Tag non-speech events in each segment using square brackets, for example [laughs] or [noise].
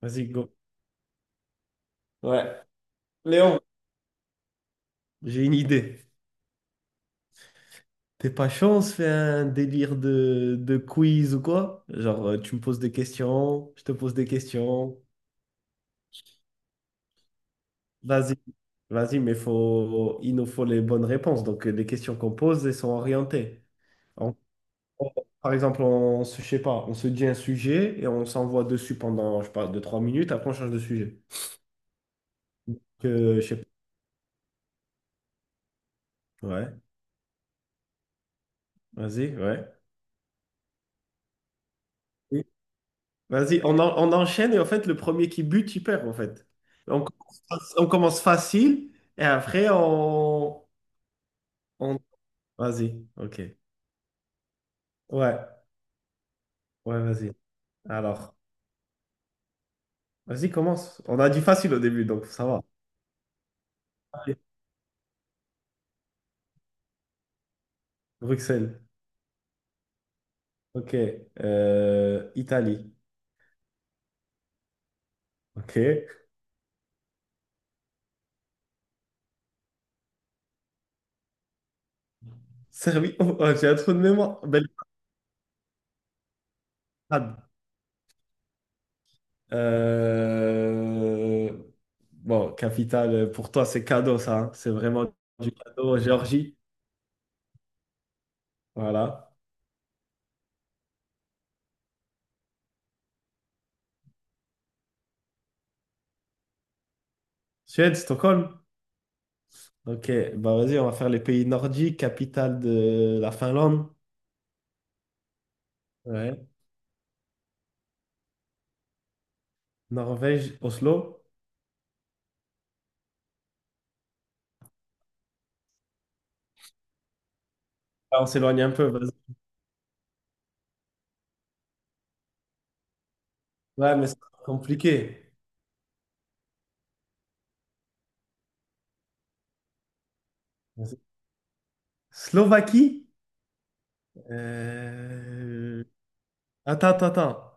Vas-y, go. Ouais. Léon, j'ai une idée. T'es pas chaud, on se fait un délire de quiz ou quoi? Genre, tu me poses des questions, je te pose des questions. Vas-y, vas-y, mais faut, il nous faut les bonnes réponses. Donc, les questions qu'on pose, elles sont orientées. On- on- Par exemple, on se, je sais pas, on se dit un sujet et on s'envoie dessus pendant, je sais pas, deux, trois minutes. Après, on change de sujet. Donc, je sais pas. Ouais, ouais. Vas-y, on, on enchaîne et en fait, le premier qui bute, il perd en fait. On commence, on commence facile et après, on... Vas-y, ok. Ouais, ouais, vas-y. Alors, vas-y, commence. On a dit facile au début, donc ça va. Allez, Bruxelles, ok. Italie, ok. Serbie, [laughs] oh, oh, j'ai un trou de mémoire. Belgrade. Euh, Bon, capitale, pour toi, c'est cadeau ça, hein. C'est vraiment du cadeau. Géorgie, voilà. Suède, Stockholm? Ok, bah vas-y, on va faire les pays nordiques, capitale de la Finlande. Ouais. Norvège, Oslo. Ah, on s'éloigne un peu, vas-y. Ouais, mais c'est compliqué. Vas-y. Slovaquie? Euh, Attends, attends, attends.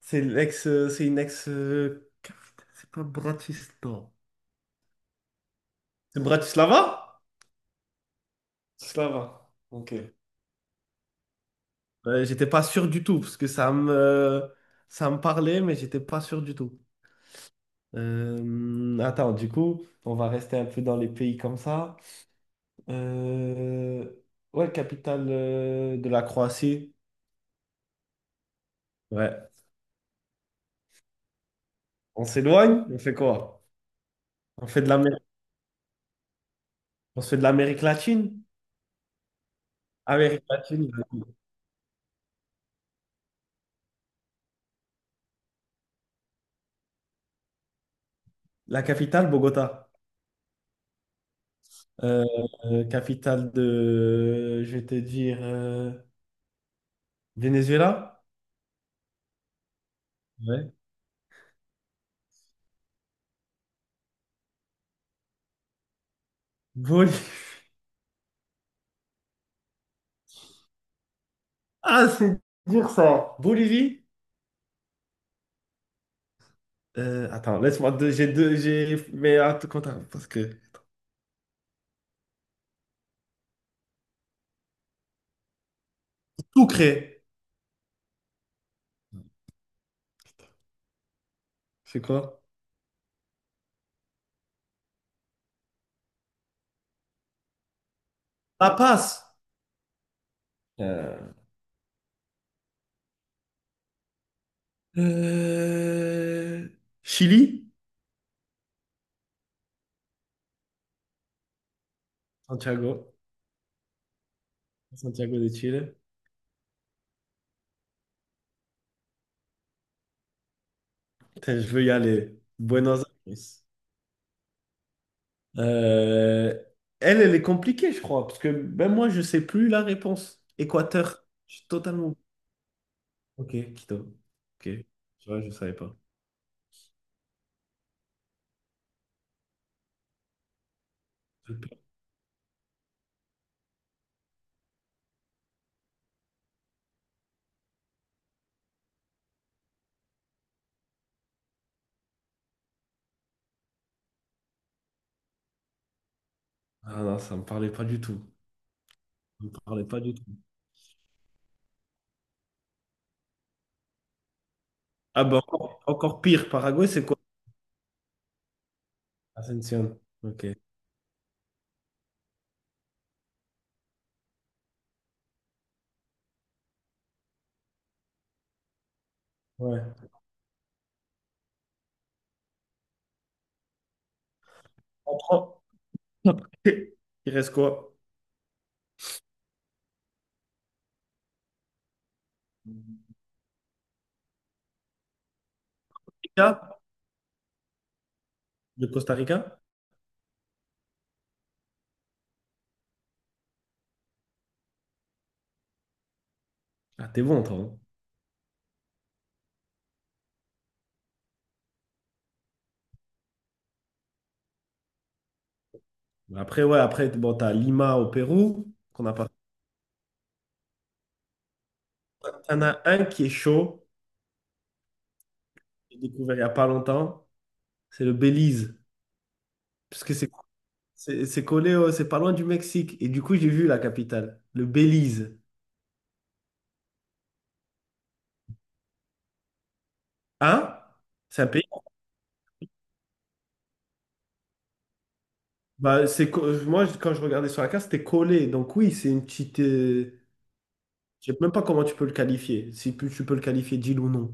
C'est l'ex, c'est une ex, capitale, c'est pas Bratislava. C'est Bratislava? Bratislava. Ok. J'étais pas sûr du tout parce que ça me parlait, mais j'étais pas sûr du tout. Attends, du coup, on va rester un peu dans les pays comme ça. Euh, ouais, capitale de la Croatie. Ouais. On s'éloigne? On fait quoi? On fait de l'Amérique, on se fait de l'Amérique latine? Amérique latine, vas-y. La capitale, Bogota. Euh, capitale de, je vais te dire, Venezuela? Ouais. Bolivie. [laughs] Ah, c'est dur ça. Bolivie? Attends, laisse-moi deux, j'ai, mais attends, parce que tout... C'est quoi? La passe. Euh, Euh, Chili? Santiago. Santiago de Chile. Putain, je veux y aller. Buenos Aires. Euh, elle est compliquée, je crois, parce que même moi, je sais plus la réponse. Équateur. Je suis totalement... Ok, Quito. Ok. Tu vois, je savais pas. Ah non, ça me parlait pas du tout. Ça me parlait pas du tout. Ah bah encore, encore pire, Paraguay, c'est quoi? Ascension. Ok. Ouais. On prend. [laughs] Il reste quoi? Rica, de Costa Rica? Ah, t'es bon, toi, hein. Après, ouais, après, bon, t'as Lima au Pérou, qu'on n'a pas. T'en as un qui est chaud, que j'ai découvert il n'y a pas longtemps, c'est le Belize. Parce que c'est c'est collé, c'est pas loin du Mexique. Et du coup, j'ai vu la capitale, le Belize. Hein? C'est un pays. Bah, c'est, moi, quand je regardais sur la carte, c'était collé. Donc oui, c'est une petite, euh... Je sais même pas comment tu peux le qualifier, si tu peux le qualifier d'île ou non.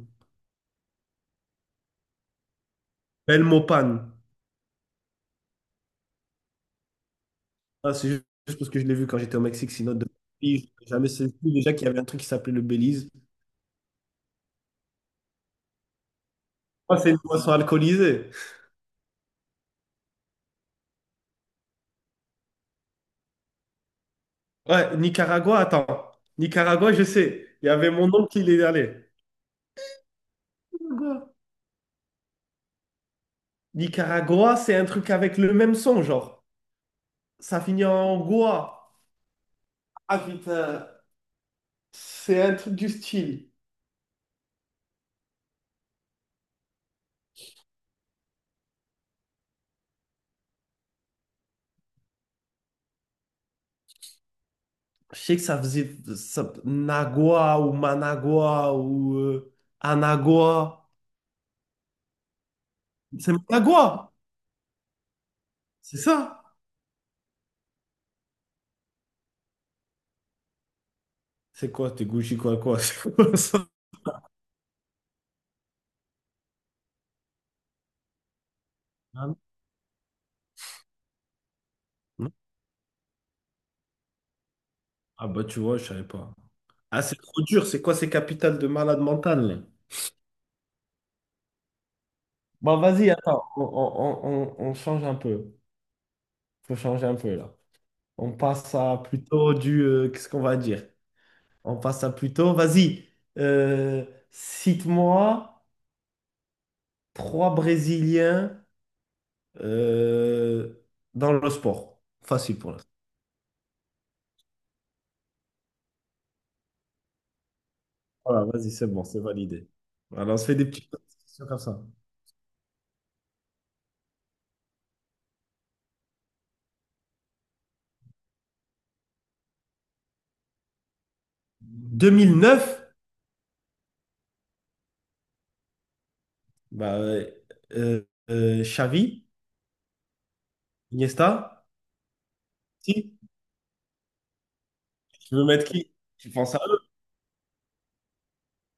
Belle Mopane. Ah, c'est juste parce que je l'ai vu quand j'étais au Mexique, sinon de... J'avais jamais saisi déjà qu'il y avait un truc qui s'appelait le Belize. Ah, c'est une boisson alcoolisée. Ouais, Nicaragua, attends. Nicaragua, je sais. Il y avait mon oncle qui y est allé. Nicaragua, Nicaragua, c'est un truc avec le même son, genre. Ça finit en goa. Ah putain, c'est un truc du style. Je sais que ça faisait Nagua ou Managua ou Anagua. C'est Managua, c'est ça? C'est quoi? T'es Gucci quoi quoi? [laughs] C'est quoi ça? Ah non. Ah bah tu vois, je savais pas. Ah c'est trop dur, c'est quoi ces capitales de malade mental là? Bon, vas-y, attends, on change un peu. Faut changer un peu là. On passe à plutôt du, qu'est-ce qu'on va dire? On passe à plutôt... Vas-y, cite-moi trois Brésiliens euh, dans le sport. Facile pour l'instant. Voilà, vas-y, c'est bon, c'est validé. Voilà, on se fait des petites questions comme ça. 2009? Bah, Xavi, Iniesta, si, tu veux mettre qui? Tu penses à eux,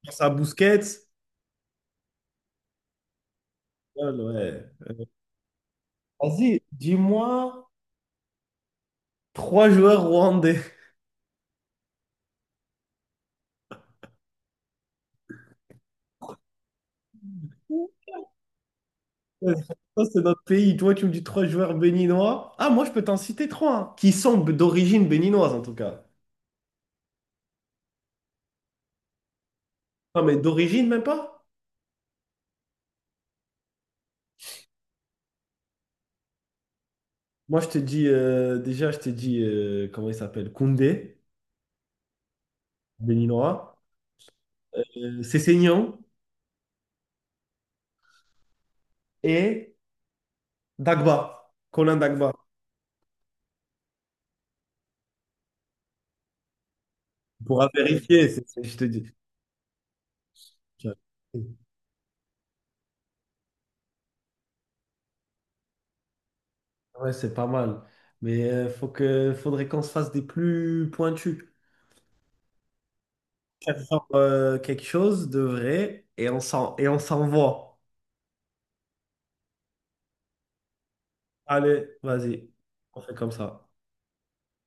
tu penses à Busquets. Ouais, ouais. Vas-y, dis-moi trois joueurs rwandais. Ouais, ça, c'est notre pays. Toi, tu me dis trois joueurs béninois. Ah, moi, je peux t'en citer trois, hein, qui sont d'origine béninoise, en tout cas. Non, mais d'origine, même pas. Moi, je te dis, déjà, je te dis, comment il s'appelle? Koundé, béninois. Sessegnon et Dagba, Colin Dagba. On pourra vérifier, je te dis. Ouais, c'est pas mal. Mais faudrait qu'on se fasse des plus pointus. Faire genre, quelque chose de vrai et et on s'envoie. Allez, vas-y. On fait comme ça.